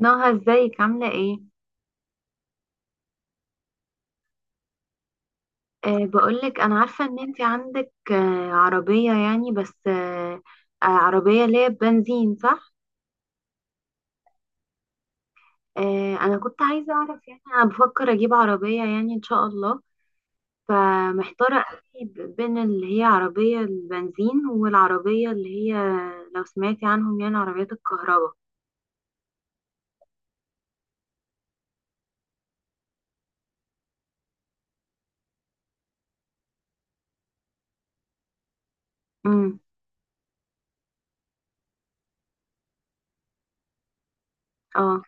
نهى، ازيك عاملة ايه؟ بقولك انا عارفة ان انت عندك عربية، يعني بس أه آه، عربية اللي هي بنزين صح؟ انا كنت عايزة اعرف، يعني انا بفكر اجيب عربية يعني ان شاء الله. فمحتارة قوي بين اللي هي عربية البنزين والعربية اللي هي، لو سمعتي عنهم، يعني عربيات الكهرباء. امم. اه.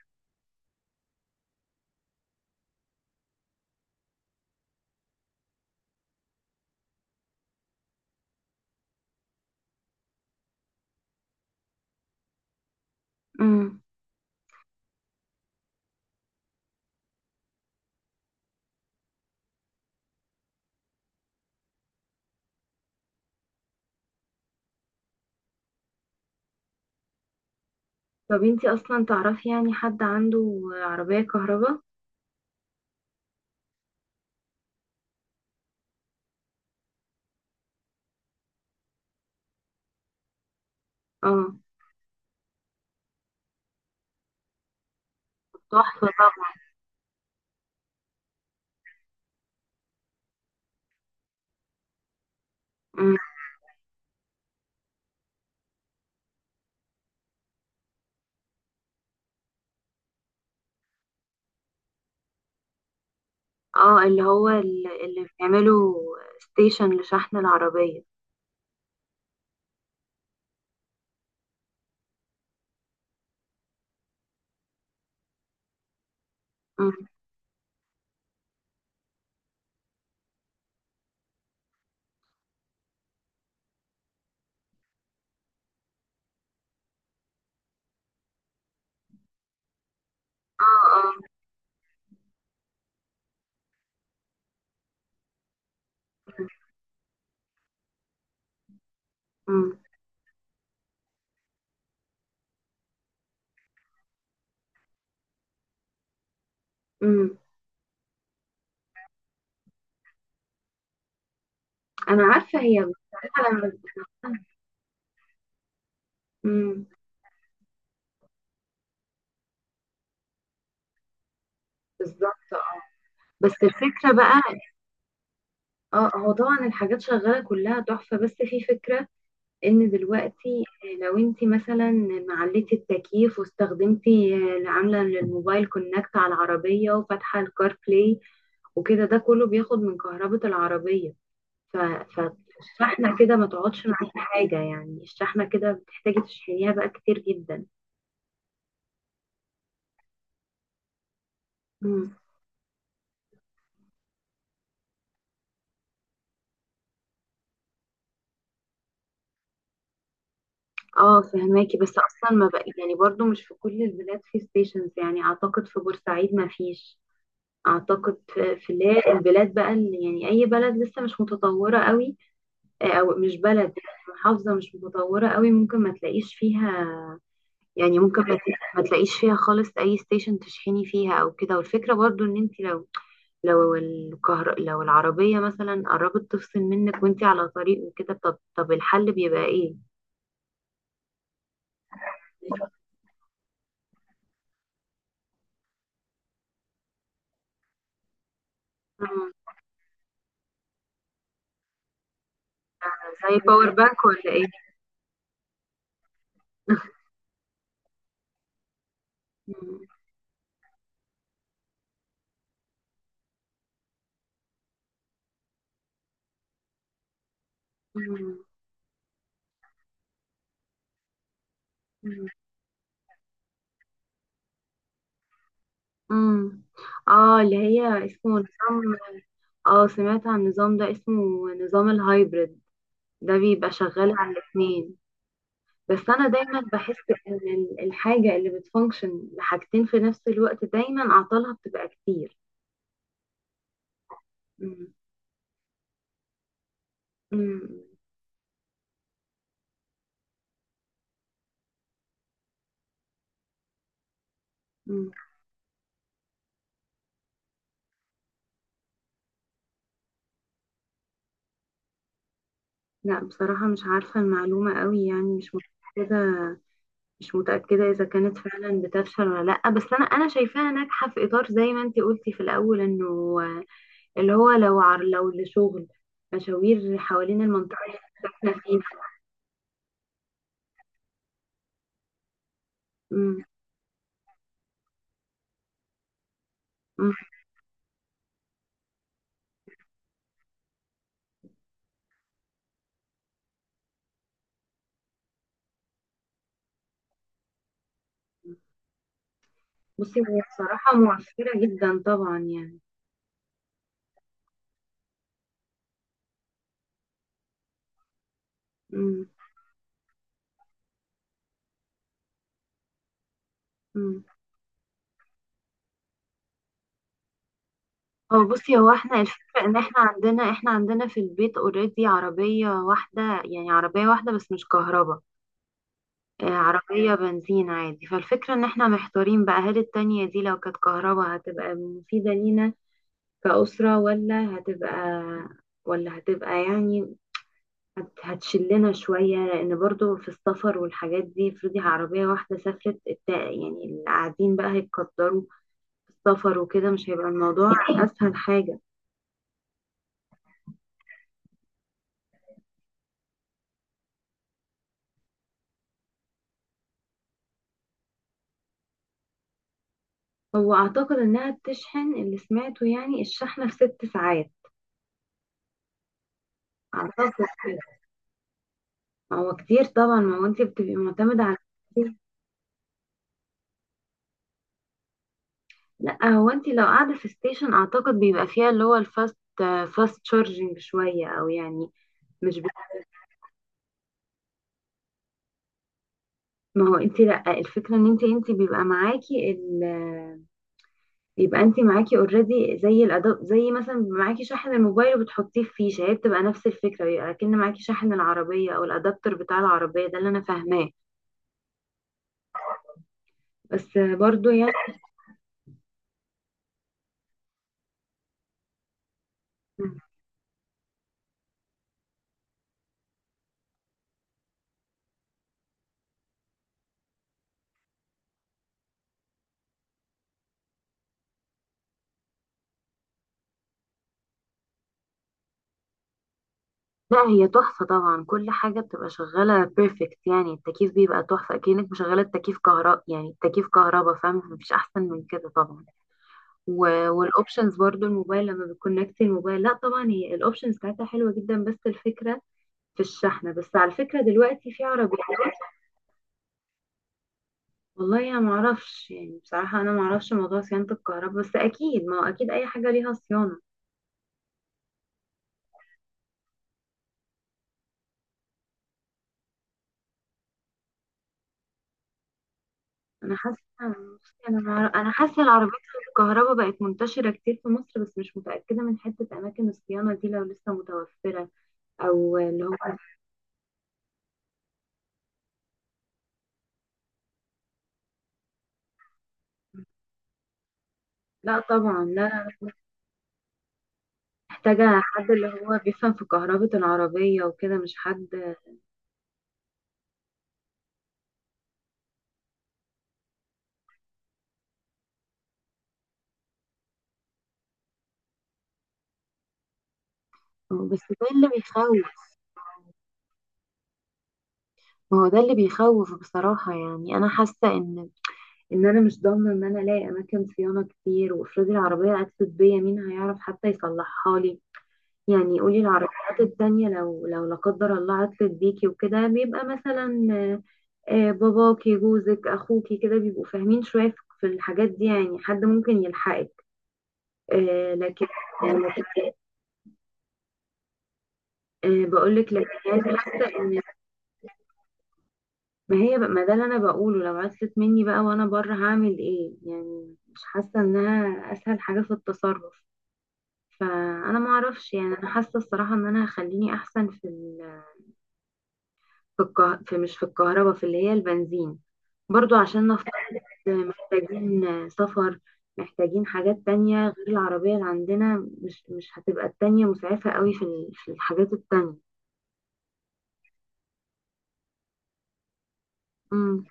امم. طب انت اصلا تعرفي يعني حد عنده عربية كهرباء؟ اه، تحفة طبعا. امم. اه، اللي هو اللي بيعملوا ستيشن لشحن العربية. مم. اه، اه. مم. مم. انا عارفة، هي بصراحة لما... مم. بالظبط، اه. بس الفكرة بقى، اه، هو طبعا الحاجات شغالة كلها تحفة، بس في فكرة ان دلوقتي، لو انت مثلا معلتي التكييف واستخدمتي اللي عاملة للموبايل كونكت على العربية وفاتحة الكار بلاي وكده، ده كله بياخد من كهربة العربية، ف... ف- فالشحنة كده ما تقعدش معاكي حاجة، يعني الشحنة كده بتحتاجي تشحنيها بقى كتير جدا. مم. اه، فهماكي. بس اصلا ما بقى، يعني برضو مش في كل البلاد في ستيشنز، يعني اعتقد في بورسعيد ما فيش. اعتقد في اللي هي البلاد بقى اللي، يعني اي بلد لسه مش متطوره قوي، او مش بلد، محافظه مش متطوره قوي، ممكن ما تلاقيش فيها. يعني ممكن ما تلاقيش فيها خالص اي ستيشن تشحني فيها او كده. والفكره برضو ان انت لو، لو العربية مثلا قربت تفصل منك وانتي على طريق وكده، طب الحل بيبقى ايه؟ مم. زي باور بانك ولا ايه؟ مم. مم. مم. مم. اه، اللي هي اسمه نظام. اه، سمعت عن النظام ده، اسمه نظام الهايبرد، ده بيبقى شغال على الاتنين. بس انا دايما بحس ان الحاجة اللي بتفانكشن لحاجتين في نفس الوقت، دايما اعطالها بتبقى كتير. مم. مم. مم. لا، بصراحة مش عارفة المعلومة قوي، يعني مش متأكدة. مش متأكدة إذا كانت فعلا بتفشل ولا لأ، بس أنا شايفاها ناجحة في إطار، زي ما أنتي قلتي في الأول، إنه اللي هو، لو لشغل، مشاوير حوالين المنطقة اللي إحنا ساكنة فيها. أمم. أمم. بصي، هو بصراحة موفرة جدا طبعا يعني. أمم. أمم. بصي، هو احنا الفكرة ان احنا عندنا، في البيت اوريدي عربية واحدة، يعني عربية واحدة بس مش كهرباء، عربية بنزين عادي. فالفكرة ان احنا محتارين بقى، هل التانية دي لو كانت كهرباء هتبقى مفيدة لينا كأسرة، ولا هتبقى، يعني هتشلنا شوية، لأن برضو في السفر والحاجات دي. افرضي عربية واحدة سافرت، يعني اللي قاعدين بقى هيتقدروا في السفر وكده، مش هيبقى الموضوع أسهل حاجة. هو أعتقد إنها بتشحن، اللي سمعته يعني الشحنة في 6 ساعات أعتقد كده. هو كتير طبعا، ما هو انت بتبقي معتمدة على... لا، هو انت لو قاعدة في ستيشن اعتقد بيبقى فيها اللي هو فاست تشارجنج شوية، او يعني مش بت... ما هو انت، لا، الفكرة ان انت بيبقى معاكي ال بيبقى انت معاكي اوريدي، زي الاداء، زي مثلا معاكي شاحن الموبايل وبتحطيه في فيشة، هي بتبقى نفس الفكرة، بيبقى كأن معاكي شاحن العربية او الادابتر بتاع العربية، ده اللي انا فاهماه، بس برضو يعني... لا هي تحفة طبعا، كل حاجة بتبقى شغالة بيرفكت، يعني التكييف بيبقى تحفة، أكنك مشغلة التكييف كهرباء، يعني التكييف كهرباء، فاهم، مفيش أحسن من كده طبعا. والأوبشنز برضو، الموبايل لما بتكونكت الموبايل، لا طبعا هي الأوبشنز بتاعتها حلوة جدا. بس الفكرة في الشحنة. بس على فكرة دلوقتي في عربيات. والله أنا معرفش، يعني بصراحة أنا معرفش موضوع صيانة الكهرباء، بس أكيد، ما هو أكيد أي حاجة ليها صيانة. انا حاسه، انا حاسه العربيات الكهرباء بقت منتشره كتير في مصر، بس مش متاكده من حته اماكن الصيانه دي لو لسه متوفره او اللي هو. لا طبعا لا، محتاجه حد اللي هو بيفهم في كهرباء العربيه وكده، مش حد، بس ده اللي بيخوف. ما هو ده اللي بيخوف بصراحه، يعني انا حاسه ان، انا مش ضامنه ان انا الاقي اماكن صيانه كتير، وافرضي العربيه عطلت بيا، مين هيعرف حتى يصلحها لي؟ يعني قولي العربيات التانية، لو لا قدر الله عطلت بيكي وكده، بيبقى مثلا باباكي جوزك اخوكي كده بيبقوا فاهمين شوية في الحاجات دي، يعني حد ممكن يلحقك. لكن، آه، بقولك لكن يعني حاسة ان، ما هي بقى- ما ده اللي انا بقوله، لو عطلت مني بقى وانا بره هعمل ايه؟ يعني مش حاسة انها اسهل حاجة في التصرف. فانا ما اعرفش، يعني انا حاسة الصراحة ان انا هخليني احسن في، مش في الكهرباء، في اللي هي البنزين، برضو عشان نفترض محتاجين سفر، محتاجين حاجات تانية غير العربية اللي عندنا، مش هتبقى التانية مسعفة قوي في في الحاجات التانية. مم.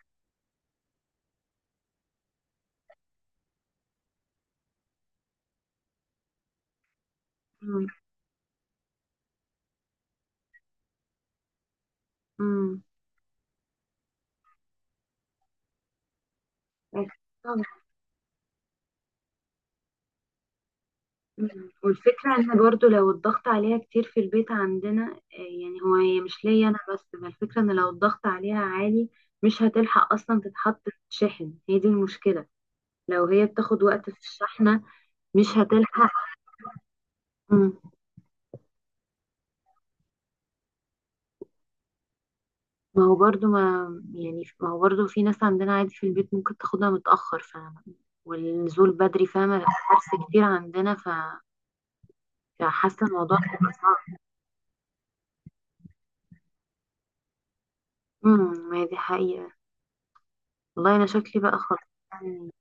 مم. مم. أكيد طبعا. مم. والفكرة ان برضو لو الضغط عليها كتير في البيت عندنا، يعني هي مش ليا انا بس، ما الفكرة ان لو الضغط عليها عالي، مش هتلحق اصلا تتحط في الشحن، هي دي المشكلة. لو هي بتاخد وقت في الشحنة، مش هتلحق. مم. ما هو برضو ما يعني ما هو برضو في ناس عندنا عادي في البيت ممكن تاخدها متأخر، فاهمة؟ والنزول بدري، فاهمة، حرص كتير عندنا. فحاسة الموضوع هيبقى صعب. امم، ما هي دي حقيقة. والله أنا شكلي بقى خلاص، يعني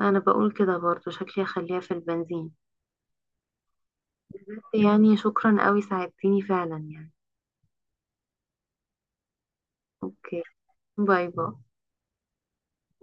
أنا بقول كده برضو شكلي هخليها في البنزين. يعني شكرا قوي، ساعدتيني فعلا يعني. اوكي. باي باي.